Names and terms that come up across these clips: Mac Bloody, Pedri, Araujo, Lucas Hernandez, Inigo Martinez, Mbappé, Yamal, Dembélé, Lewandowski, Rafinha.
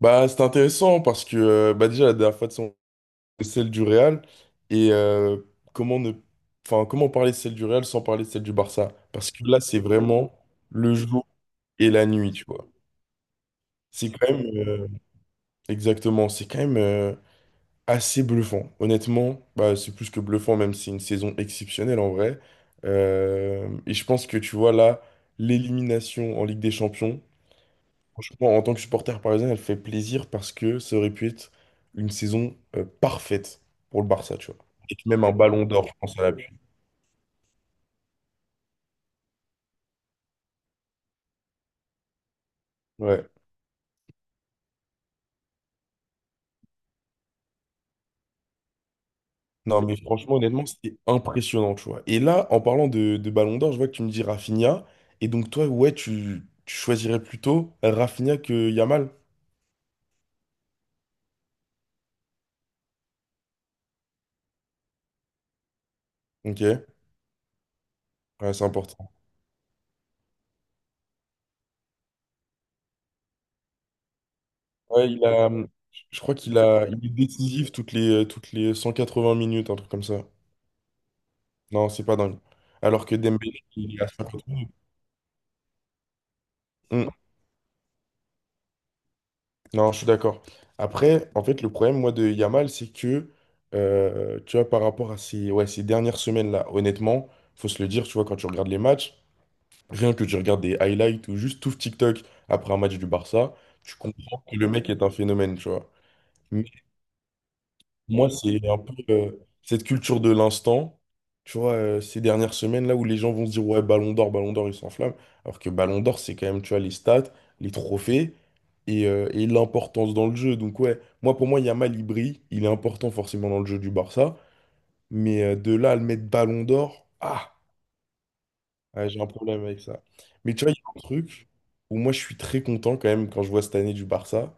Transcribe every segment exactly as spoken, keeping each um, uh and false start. Bah, c'est intéressant parce que euh, bah, déjà la dernière fois, c'est celle du Real et euh, comment ne enfin comment parler de celle du Real sans parler de celle du Barça parce que là c'est vraiment le jour et la nuit, tu vois. C'est quand même euh, exactement, c'est quand même euh, assez bluffant. Honnêtement, bah, c'est plus que bluffant même si c'est une saison exceptionnelle en vrai. Euh, et je pense que tu vois là l'élimination en Ligue des Champions. Franchement, en tant que supporter parisien, elle fait plaisir parce que ça aurait pu être une saison euh, parfaite pour le Barça, tu vois. Et que même un ballon d'or, je pense, à l'appui. Ouais. Non, mais franchement, honnêtement, c'était impressionnant, tu vois. Et là, en parlant de, de ballon d'or, je vois que tu me dis Rafinha. Et donc, toi, ouais, tu, tu choisirais plutôt Rafinha que Yamal. Ok, ouais, c'est important. Ouais, il a, je crois qu'il a, il est décisif toutes les, toutes les cent quatre-vingts minutes, un truc comme ça. Non, c'est pas dingue. Alors que Dembélé, il est à cinquante minutes. Non, je suis d'accord. Après, en fait, le problème, moi, de Yamal, c'est que, euh, tu vois, par rapport à ces, ouais, ces dernières semaines-là, honnêtement, faut se le dire, tu vois, quand tu regardes les matchs, rien que tu regardes des highlights ou juste tout TikTok après un match du Barça, tu comprends que le mec est un phénomène, tu vois. Moi, c'est un peu euh, cette culture de l'instant, tu vois, euh, ces dernières semaines, là où les gens vont se dire, ouais, Ballon d'Or, Ballon d'Or, ils s'enflamment, alors que Ballon d'Or, c'est quand même, tu vois, les stats, les trophées et, euh, et l'importance dans le jeu. Donc, ouais, moi, pour moi, Yamal, il brille, il est important forcément dans le jeu du Barça, mais euh, de là à le mettre Ballon d'Or, ah, ouais, j'ai un problème avec ça. Mais tu vois, il y a un truc où moi, je suis très content quand même quand je vois cette année du Barça,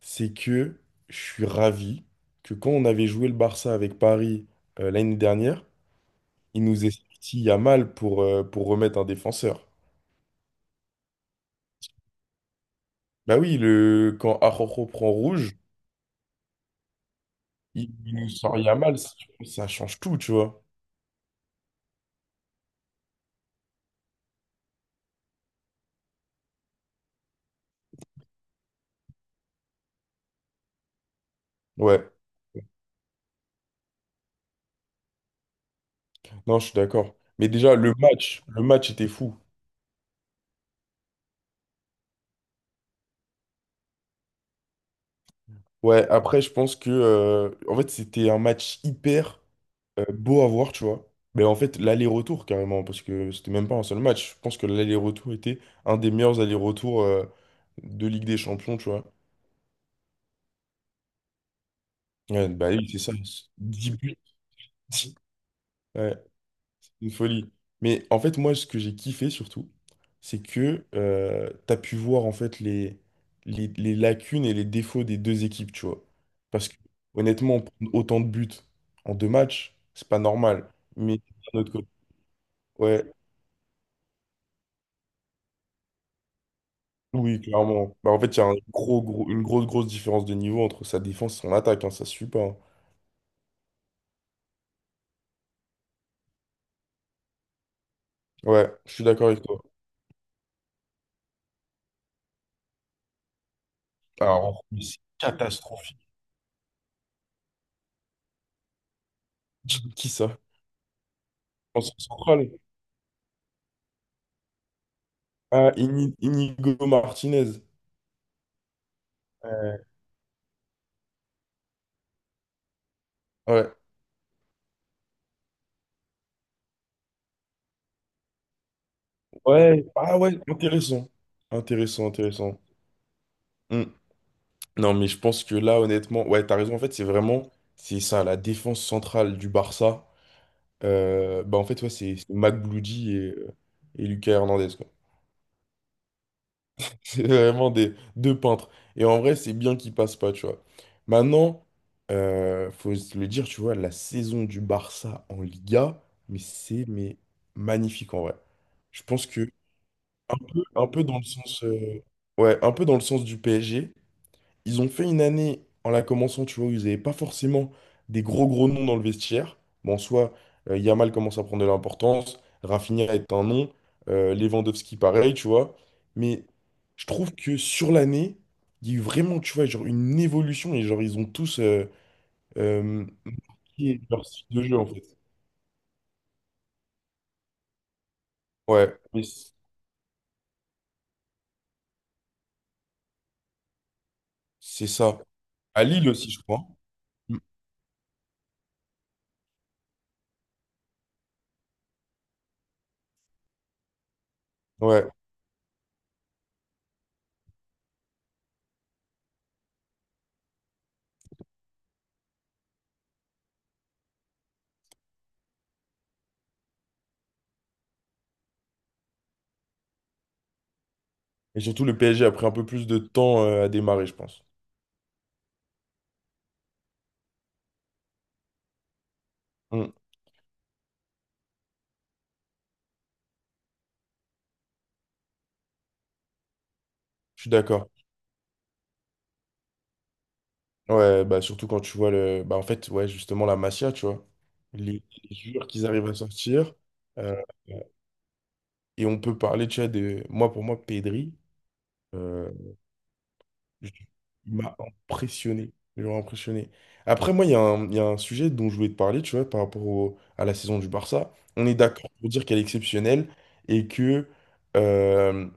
c'est que je suis ravi que quand on avait joué le Barça avec Paris euh, l'année dernière, il nous est sorti Yamal pour, euh, pour remettre un défenseur. Bah oui, le, quand Araujo prend rouge, il, il nous sort Yamal, ça, ça change tout, tu vois. Ouais, non, je suis d'accord. Mais déjà, le match, le match était fou. Ouais, après, je pense que, euh, en fait, c'était un match hyper euh, beau à voir, tu vois. Mais en fait, l'aller-retour, carrément, parce que c'était même pas un seul match. Je pense que l'aller-retour était un des meilleurs allers-retours euh, de Ligue des Champions, tu vois. Ouais, bah oui, c'est ça. Dix buts. Ouais. Une folie. Mais en fait, moi, ce que j'ai kiffé surtout, c'est que euh, t'as pu voir en fait les, les, les lacunes et les défauts des deux équipes, tu vois. Parce que honnêtement, prendre autant de buts en deux matchs, c'est pas normal. Mais d'un autre côté, ouais, oui, clairement. Bah, en fait, il y a un gros, gros, une grosse, grosse différence de niveau entre sa défense et son attaque, hein, ça se suit pas, hein. Ouais, je suis d'accord avec toi. Alors, mais c'est catastrophique. Qui ça? En central. Ah, Ini- Inigo Martinez. Euh, Ouais. Ouais. Ah ouais, Intéressant, Intéressant, intéressant. Hmm. Non, mais je pense que là, honnêtement, ouais, t'as raison. En fait, c'est vraiment, c'est ça, la défense centrale du Barça. Euh, bah, en fait, ouais, c'est c'est Mac Bloody et, euh, et Lucas Hernandez, quoi. C'est vraiment des deux peintres. Et en vrai, c'est bien qu'ils passent pas, tu vois. Maintenant, euh, faut se le dire, tu vois, la saison du Barça en Liga, mais c'est mais magnifique en vrai. Je pense que un peu dans le sens, euh, ouais, un peu dans le sens du P S G. Ils ont fait une année en la commençant, tu vois, où ils n'avaient pas forcément des gros gros noms dans le vestiaire. Bon, soit euh, Yamal commence à prendre de l'importance, Rafinha est un nom, euh, Lewandowski pareil, tu vois. Mais je trouve que sur l'année, il y a eu vraiment, tu vois, genre une évolution et genre ils ont tous euh, euh, marqué leur style de jeu en fait. Ouais, mais c- c'est ça. À Lille aussi, je crois. Mm. Ouais. Et surtout, le P S G a pris un peu plus de temps euh, à démarrer, je pense. Mm. Je suis d'accord. Ouais, bah surtout quand tu vois le. Bah en fait, ouais, justement, la Masia, tu vois. Les, les joueurs qu'ils arrivent à sortir. euh, et on peut parler, tu vois, de. Moi, pour moi, Pedri, euh, je- il m'a impressionné. Genre impressionné. Après, moi, il y a un, il y a un sujet dont je voulais te parler, tu vois, par rapport au- à la saison du Barça. On est d'accord pour dire qu'elle est exceptionnelle et que. euh,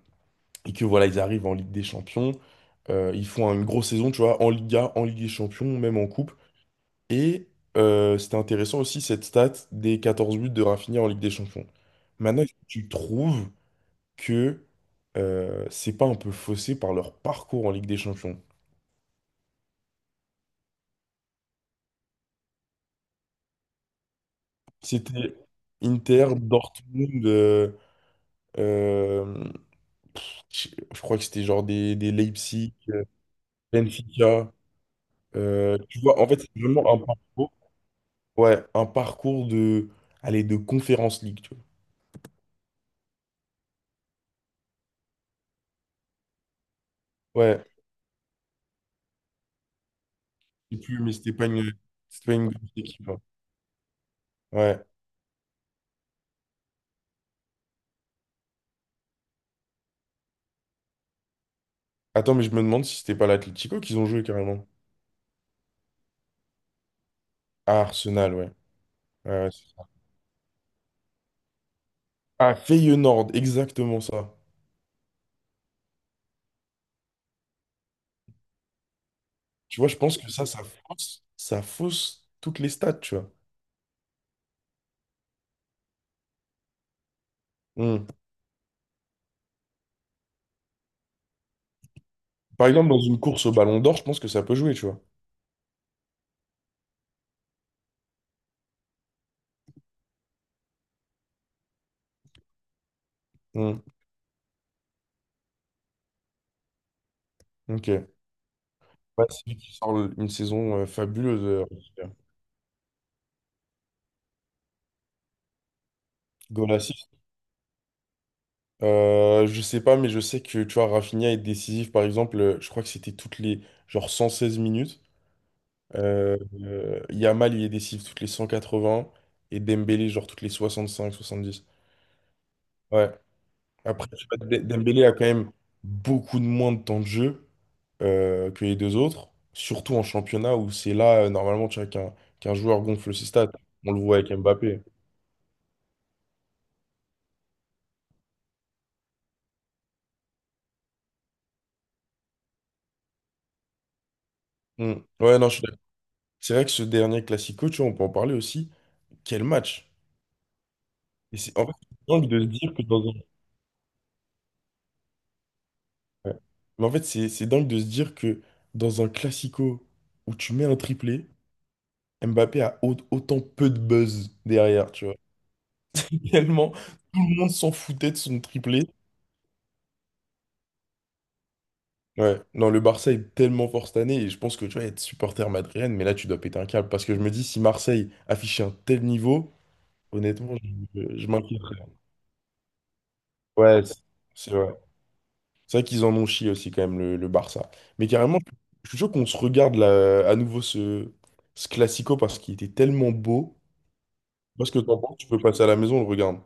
et que voilà, ils arrivent en Ligue des Champions, euh, ils font une grosse saison, tu vois, en Liga, en Ligue des Champions, même en Coupe. Et euh, c'était intéressant aussi cette stat des quatorze buts de Rafinha en Ligue des Champions. Maintenant, est-ce que tu trouves que euh, c'est pas un peu faussé par leur parcours en Ligue des Champions? C'était Inter, Dortmund, euh, euh, pff, je je crois que c'était genre des, des Leipzig, euh, Benfica. Euh, tu vois, en fait, c'est vraiment un parcours. Ouais, un parcours de, allez, de Conférence League, tu vois. Ouais, je sais plus, mais c'était pas une, c'était pas une grosse équipe, hein. Ouais. Attends, mais je me demande si c'était pas l'Atlético qu'ils ont joué carrément. Ah, Arsenal, ouais. Ouais, ouais, c'est ça. Ah, Feyenoord, exactement ça. Tu vois, je pense que ça, ça fausse, ça fausse toutes les stats, tu vois. Hmm. Par exemple, dans une course au Ballon d'Or, je pense que ça peut jouer, tu vois. Hmm. Ok. Ouais, c'est lui qui sort le- une saison euh, fabuleuse, euh, en tout cas. Golas. Euh, je sais pas, mais je sais que tu vois, Rafinha est décisif. Par exemple, euh, je crois que c'était toutes les genre cent seize minutes. Euh, euh, Yamal, il est décisif toutes les cent quatre-vingts, et Dembélé, genre toutes les soixante-cinq, soixante-dix. Ouais. Après, je sais pas, D- Dembélé a quand même beaucoup de moins de temps de jeu euh, que les deux autres, surtout en championnat où c'est là, euh, normalement, tu vois, qu'un qu'un joueur gonfle ses stats. On le voit avec Mbappé. Hmm. Ouais, non, je suis d'accord. C'est vrai que ce dernier Classico, tu vois, on peut en parler aussi. Quel match! Et c'est, en fait, c'est dingue de se dire que dans un... ouais. Mais en fait, c'est c'est dingue de se dire que dans un classico où tu mets un triplé, Mbappé a au- autant peu de buzz derrière, tu vois. Tellement, tout le monde s'en foutait de son triplé. Ouais, non, le Barça est tellement fort cette année et je pense que tu vas être supporter madrilène, mais là, tu dois péter un câble parce que je me dis, si Marseille affichait un tel niveau, honnêtement, je, je, je m'inquiéterais. Ouais, c'est c'est vrai. C'est vrai qu'ils en ont chié aussi quand même le, le Barça. Mais carrément, je suis chaud qu'on se regarde là, à nouveau ce, ce classico parce qu'il était tellement beau. Parce que t'en penses, tu peux passer à la maison, on le regarde.